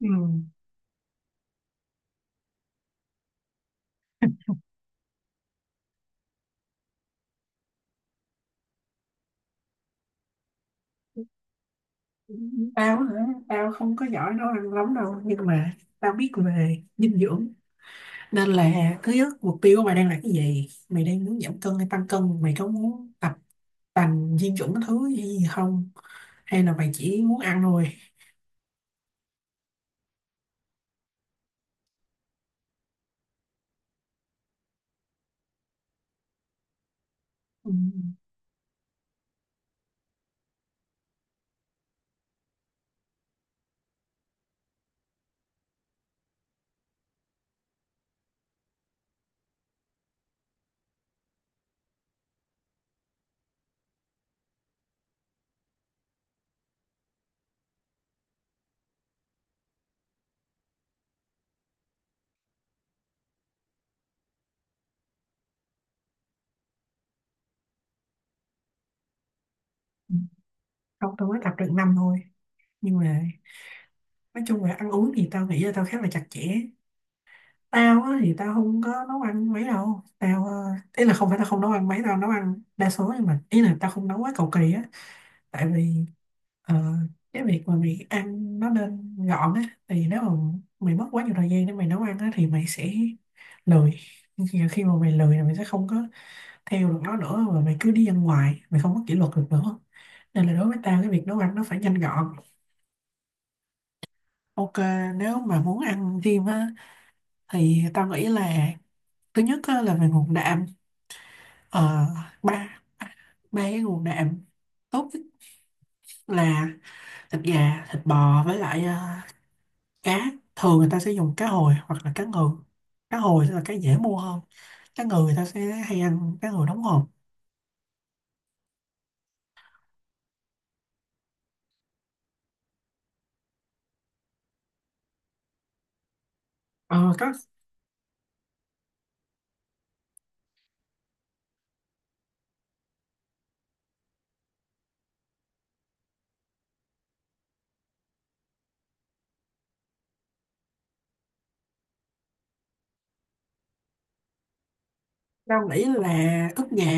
Ừ. Tao hả? Tao không có giỏi nấu ăn lắm đâu nhưng mà tao biết về dinh dưỡng, nên là thứ nhất mục tiêu của mày đang là cái gì? Mày đang muốn giảm cân hay tăng cân? Mày có muốn tập tành dinh dưỡng cái thứ gì không, hay là mày chỉ muốn ăn thôi? Ừ. Ừ. Không, tao mới tập được năm thôi, nhưng mà nói chung là ăn uống thì tao nghĩ là tao khá là chặt chẽ. Tao á, thì tao không có nấu ăn mấy đâu tao, ý là không phải tao không nấu ăn mấy, tao nấu ăn đa số, nhưng mà ý là tao không nấu quá cầu kỳ á. Tại vì ờ, cái việc mà mày ăn nó nên gọn á. Thì nếu mà mày mất quá nhiều thời gian để mày nấu ăn á thì mày sẽ lười. Nhưng khi mà mày lười là mày sẽ không có theo được nó nữa, và mày cứ đi ăn ngoài, mày không có kỷ luật được nữa. Nên là đối với tao, cái việc nấu ăn nó phải nhanh gọn. Ok. Nếu mà muốn ăn thêm á thì tao nghĩ là thứ nhất á, là về nguồn đạm. Ờ, ba ba ba cái nguồn đạm tốt nhất là thịt gà, thịt bò, với lại cá. Thường người ta sẽ dùng cá hồi hoặc là cá ngừ. Cá hồi sẽ là cái dễ mua hơn. Cá ngừ người ta sẽ hay ăn cá ngừ đóng hộp. Ờ có. Tao nghĩ là ức gà.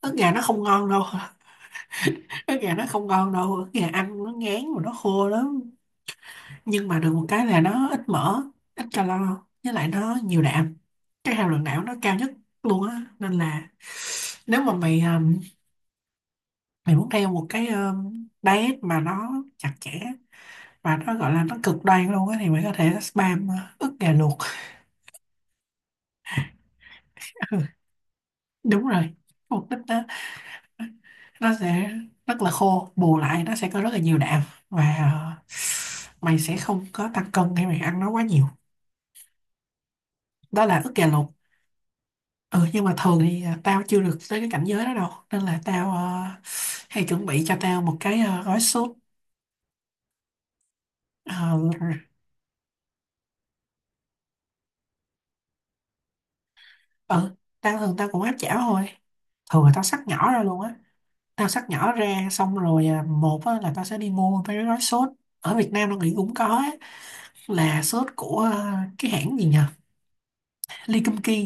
Ức gà nó không ngon đâu. Ức gà nó không ngon đâu, ức gà ăn nó ngán mà nó khô lắm. Nhưng mà được một cái là nó ít mỡ, ít calo, với lại nó nhiều đạm. Cái hàm lượng đạm nó cao nhất luôn á. Nên là nếu mà mày, mày muốn theo một cái diet mà nó chặt chẽ và nó gọi là nó cực đoan luôn á, thì mày có thể spam ức gà luộc. Ừ, đúng rồi, mục đích đó. Nó sẽ rất là khô, bù lại nó sẽ có rất là nhiều đạm. Và mày sẽ không có tăng cân khi mày ăn nó quá nhiều. Đó là ức gà luộc. Ừ, nhưng mà thường thì tao chưa được tới cái cảnh giới đó đâu, nên là tao uh, hay chuẩn bị cho tao một cái gói súp. Ờ, ừ. Tao thường tao cũng áp chảo thôi. Thường là tao xắt nhỏ ra luôn á. Tao xắt nhỏ ra, xong rồi à, một á, là tao sẽ đi mua mấy cái gói sốt. Ở Việt Nam tao nghĩ cũng có á, là sốt của à, cái hãng gì nhỉ? Ly Kim Ki.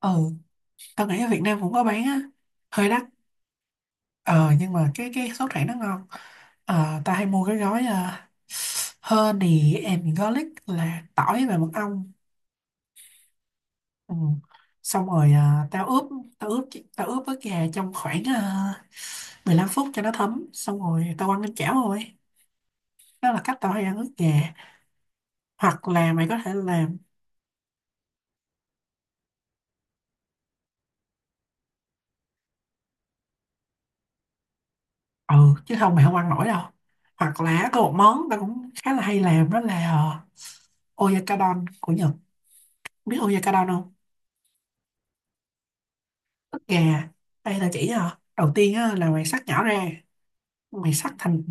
Ừ, tao nghĩ ở Việt Nam cũng có bán á, hơi đắt. Ờ, nhưng mà cái sốt hãng nó ngon. Ờ, tao hay mua cái gói à, honey and garlic, là tỏi và mật ong. Ừ. Xong rồi à, tao ướp tao ướp với gà trong khoảng à, 15 phút cho nó thấm, xong rồi tao ăn lên chảo rồi. Đó là cách tao hay ăn ức gà. Hoặc là mày có thể làm. Ừ, chứ không mày không ăn nổi đâu. Hoặc là có một món tao cũng khá là hay làm đó là ờ, Oyakodon của Nhật. Biết Oyakodon không? Ức gà. Đây là chỉ hả? Đầu tiên á, là mày xắt nhỏ ra. Mày xắt thành,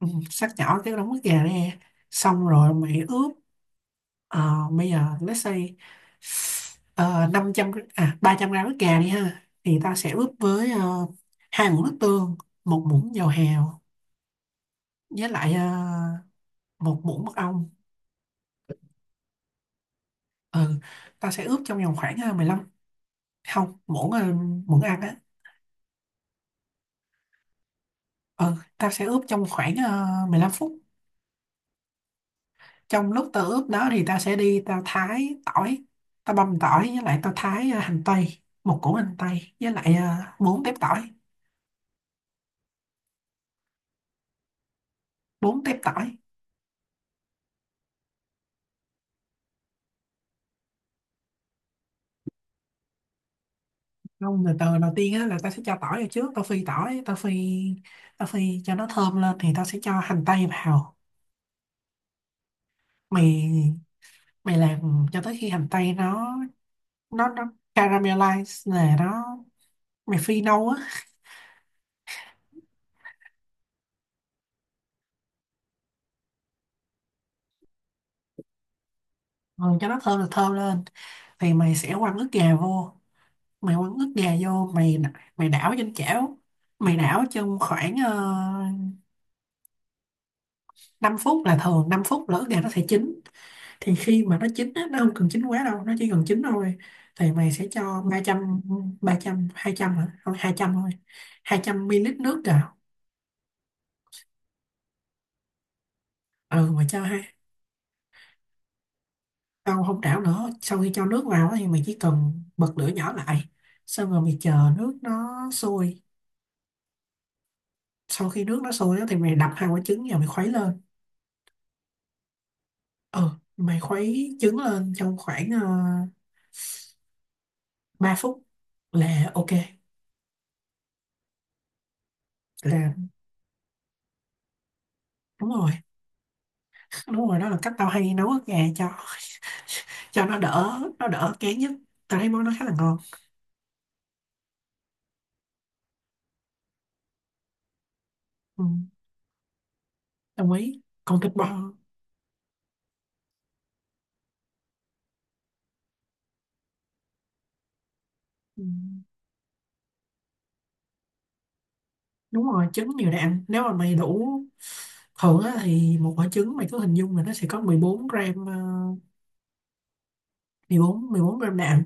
ừ, xắt nhỏ cái đống ức gà ra. Xong rồi mày ướp. Bây giờ let's say 500 gr- à 300 gram ức gà đi ha, thì ta sẽ ướp với hai muỗng nước tương, một muỗng dầu hào, với lại một muỗng mật ong. Ừ. Tao sẽ ướp trong vòng khoảng 15. Không, muỗng, muỗng ăn á. Ừ. Tao sẽ ướp trong khoảng 15 phút. Trong lúc tao ướp đó thì tao sẽ đi tao thái tỏi, tao băm tỏi, với lại tao thái hành tây, một củ hành tây, với lại bốn tép tỏi bốn tép tỏi. Không, từ từ. Đầu tiên á là tao sẽ cho tỏi vào trước, tao phi tỏi, tao phi cho nó thơm lên, thì tao sẽ cho hành tây vào. Mày mày làm cho tới khi hành tây nó nó nó caramelize này, nó, mày phi nâu á. Ừ, cho nó thơm là thơm lên, thì mày sẽ quăng ức gà vô, mày quăng ức gà vô. Mày mày đảo trên chảo. Mày đảo trong khoảng 5 phút. Là thường 5 phút là ức gà nó sẽ chín. Thì khi mà nó chín á, nó không cần chín quá đâu, nó chỉ cần chín thôi. Thì mày sẽ cho 300 300 200, hả? Không, 200 thôi. 200 ml nước vào. Ừ, mày cho hai. Không, không trảo nữa. Sau khi cho nước vào á thì mình chỉ cần bật lửa nhỏ lại. Xong rồi mình chờ nước nó sôi. Sau khi nước nó sôi á thì mày đập hai quả trứng vào, mày khuấy lên. Ừ, mày khuấy trứng lên trong khoảng uh, 3 phút là ok. Là, đúng rồi, đúng rồi. Đó là cách tao hay nấu ức gà cho, nó đỡ kén nhất. Tao thấy món nó khá là ngon. Ừ, đồng ý. Còn thịt bò. Ừ. Đúng rồi, trứng nhiều đạm. Nếu mà mày đủ, thường á, thì một quả trứng mày cứ hình dung là nó sẽ có 14 gram, mười bốn gram đạm.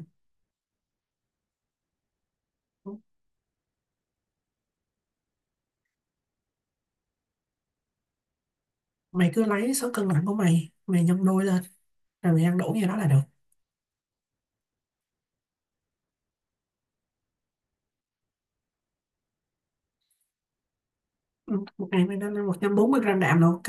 Mày cứ lấy số cân nặng của mày, mày nhân đôi lên, rồi mày ăn đủ như đó là được. Ừ, một ngày mày nên ăn 140 gram đạm là ok.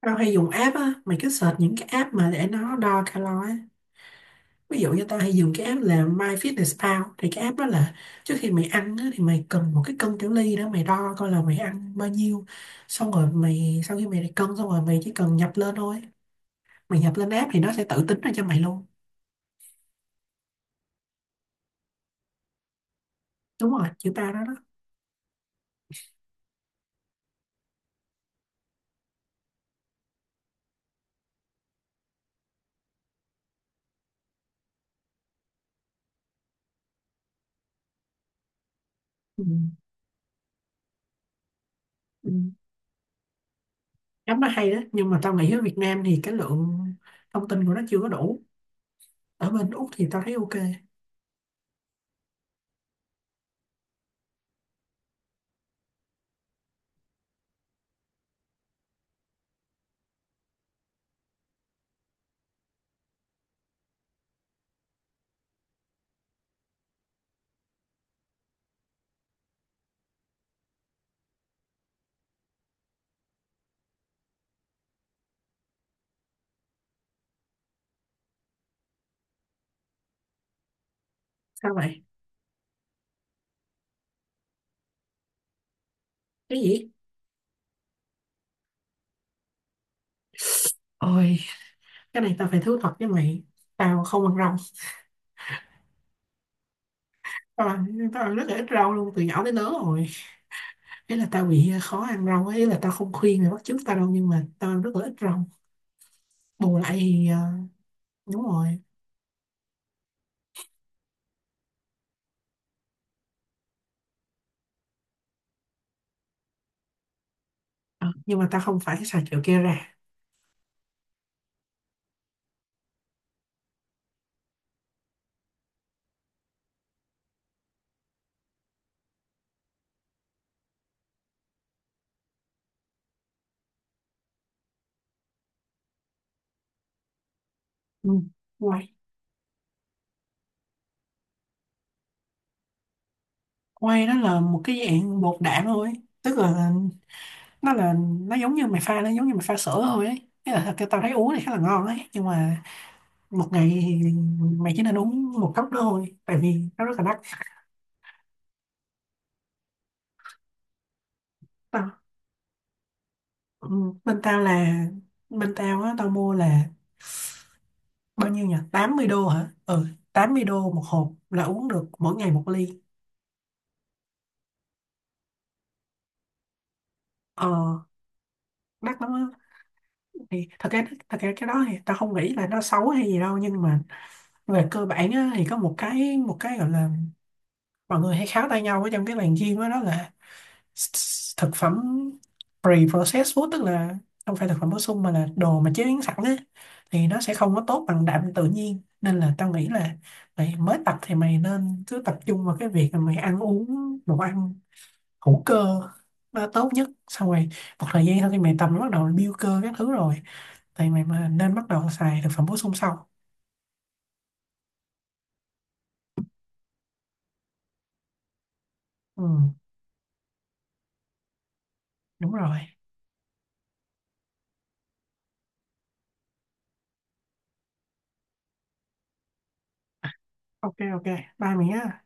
Tao hay dùng app á, mày cứ search những cái app mà để nó đo calo á. Ví dụ như tao hay dùng cái app là MyFitnessPal. Thì cái app đó là trước khi mày ăn á, thì mày cần một cái cân tiểu ly đó, mày đo coi là mày ăn bao nhiêu. Xong rồi mày, sau khi mày đã cân xong rồi, mày chỉ cần nhập lên thôi. Mày nhập lên app thì nó sẽ tự tính ra cho mày luôn. Đúng rồi, chữ ba đó đó. Ừ. Ừ. App nó hay đó, nhưng mà tao nghĩ ở Việt Nam thì cái lượng thông tin của nó chưa có đủ. Ở bên Úc thì tao thấy ok. Sao vậy? Cái gì? Ôi, cái này tao phải thú thật với mày, tao không ăn rau. Tao ăn rất là ít rau luôn từ nhỏ tới lớn rồi. Thế là tao bị khó ăn rau ấy, là tao không khuyên mày bắt chước tao đâu, nhưng mà tao ăn rất là ít rau. Bù lại thì đúng rồi. Ờ, nhưng mà tao không phải xài kiểu kia ra. Ừ. Quay. Quay đó là một cái dạng bột đạm thôi. Tức là nó là, nó giống như mày pha, nó giống như mày pha sữa thôi ấy. Thế là tao thấy uống thì khá là ngon đấy, nhưng mà một ngày thì mày chỉ nên uống một cốc đó thôi, tại vì nó rất là đắt. tao, ừ, bên tao là bên tao á tao mua là bao nhiêu nhỉ, 80 đô hả? Ừ, 80 đô một hộp là uống được mỗi ngày một ly. Ờ, đắt lắm á. Thì thật ra cái đó thì tao không nghĩ là nó xấu hay gì đâu, nhưng mà về cơ bản á, thì có một cái gọi là, mọi người hay kháo tay nhau ở trong cái làng gym đó, đó là thực phẩm pre-processed food, tức là không phải thực phẩm bổ sung mà là đồ mà chế biến sẵn á. Thì nó sẽ không có tốt bằng đạm tự nhiên, nên là tao nghĩ là mày mới tập thì mày nên cứ tập trung vào cái việc là mày ăn uống đồ ăn hữu cơ nó tốt nhất. Xong rồi một thời gian sau khi mày tập nó bắt đầu build cơ các thứ rồi, thì mày mà nên bắt đầu xài thực phẩm bổ sung sau. Ừ, đúng rồi. Ok. Ok, bye mày nhé.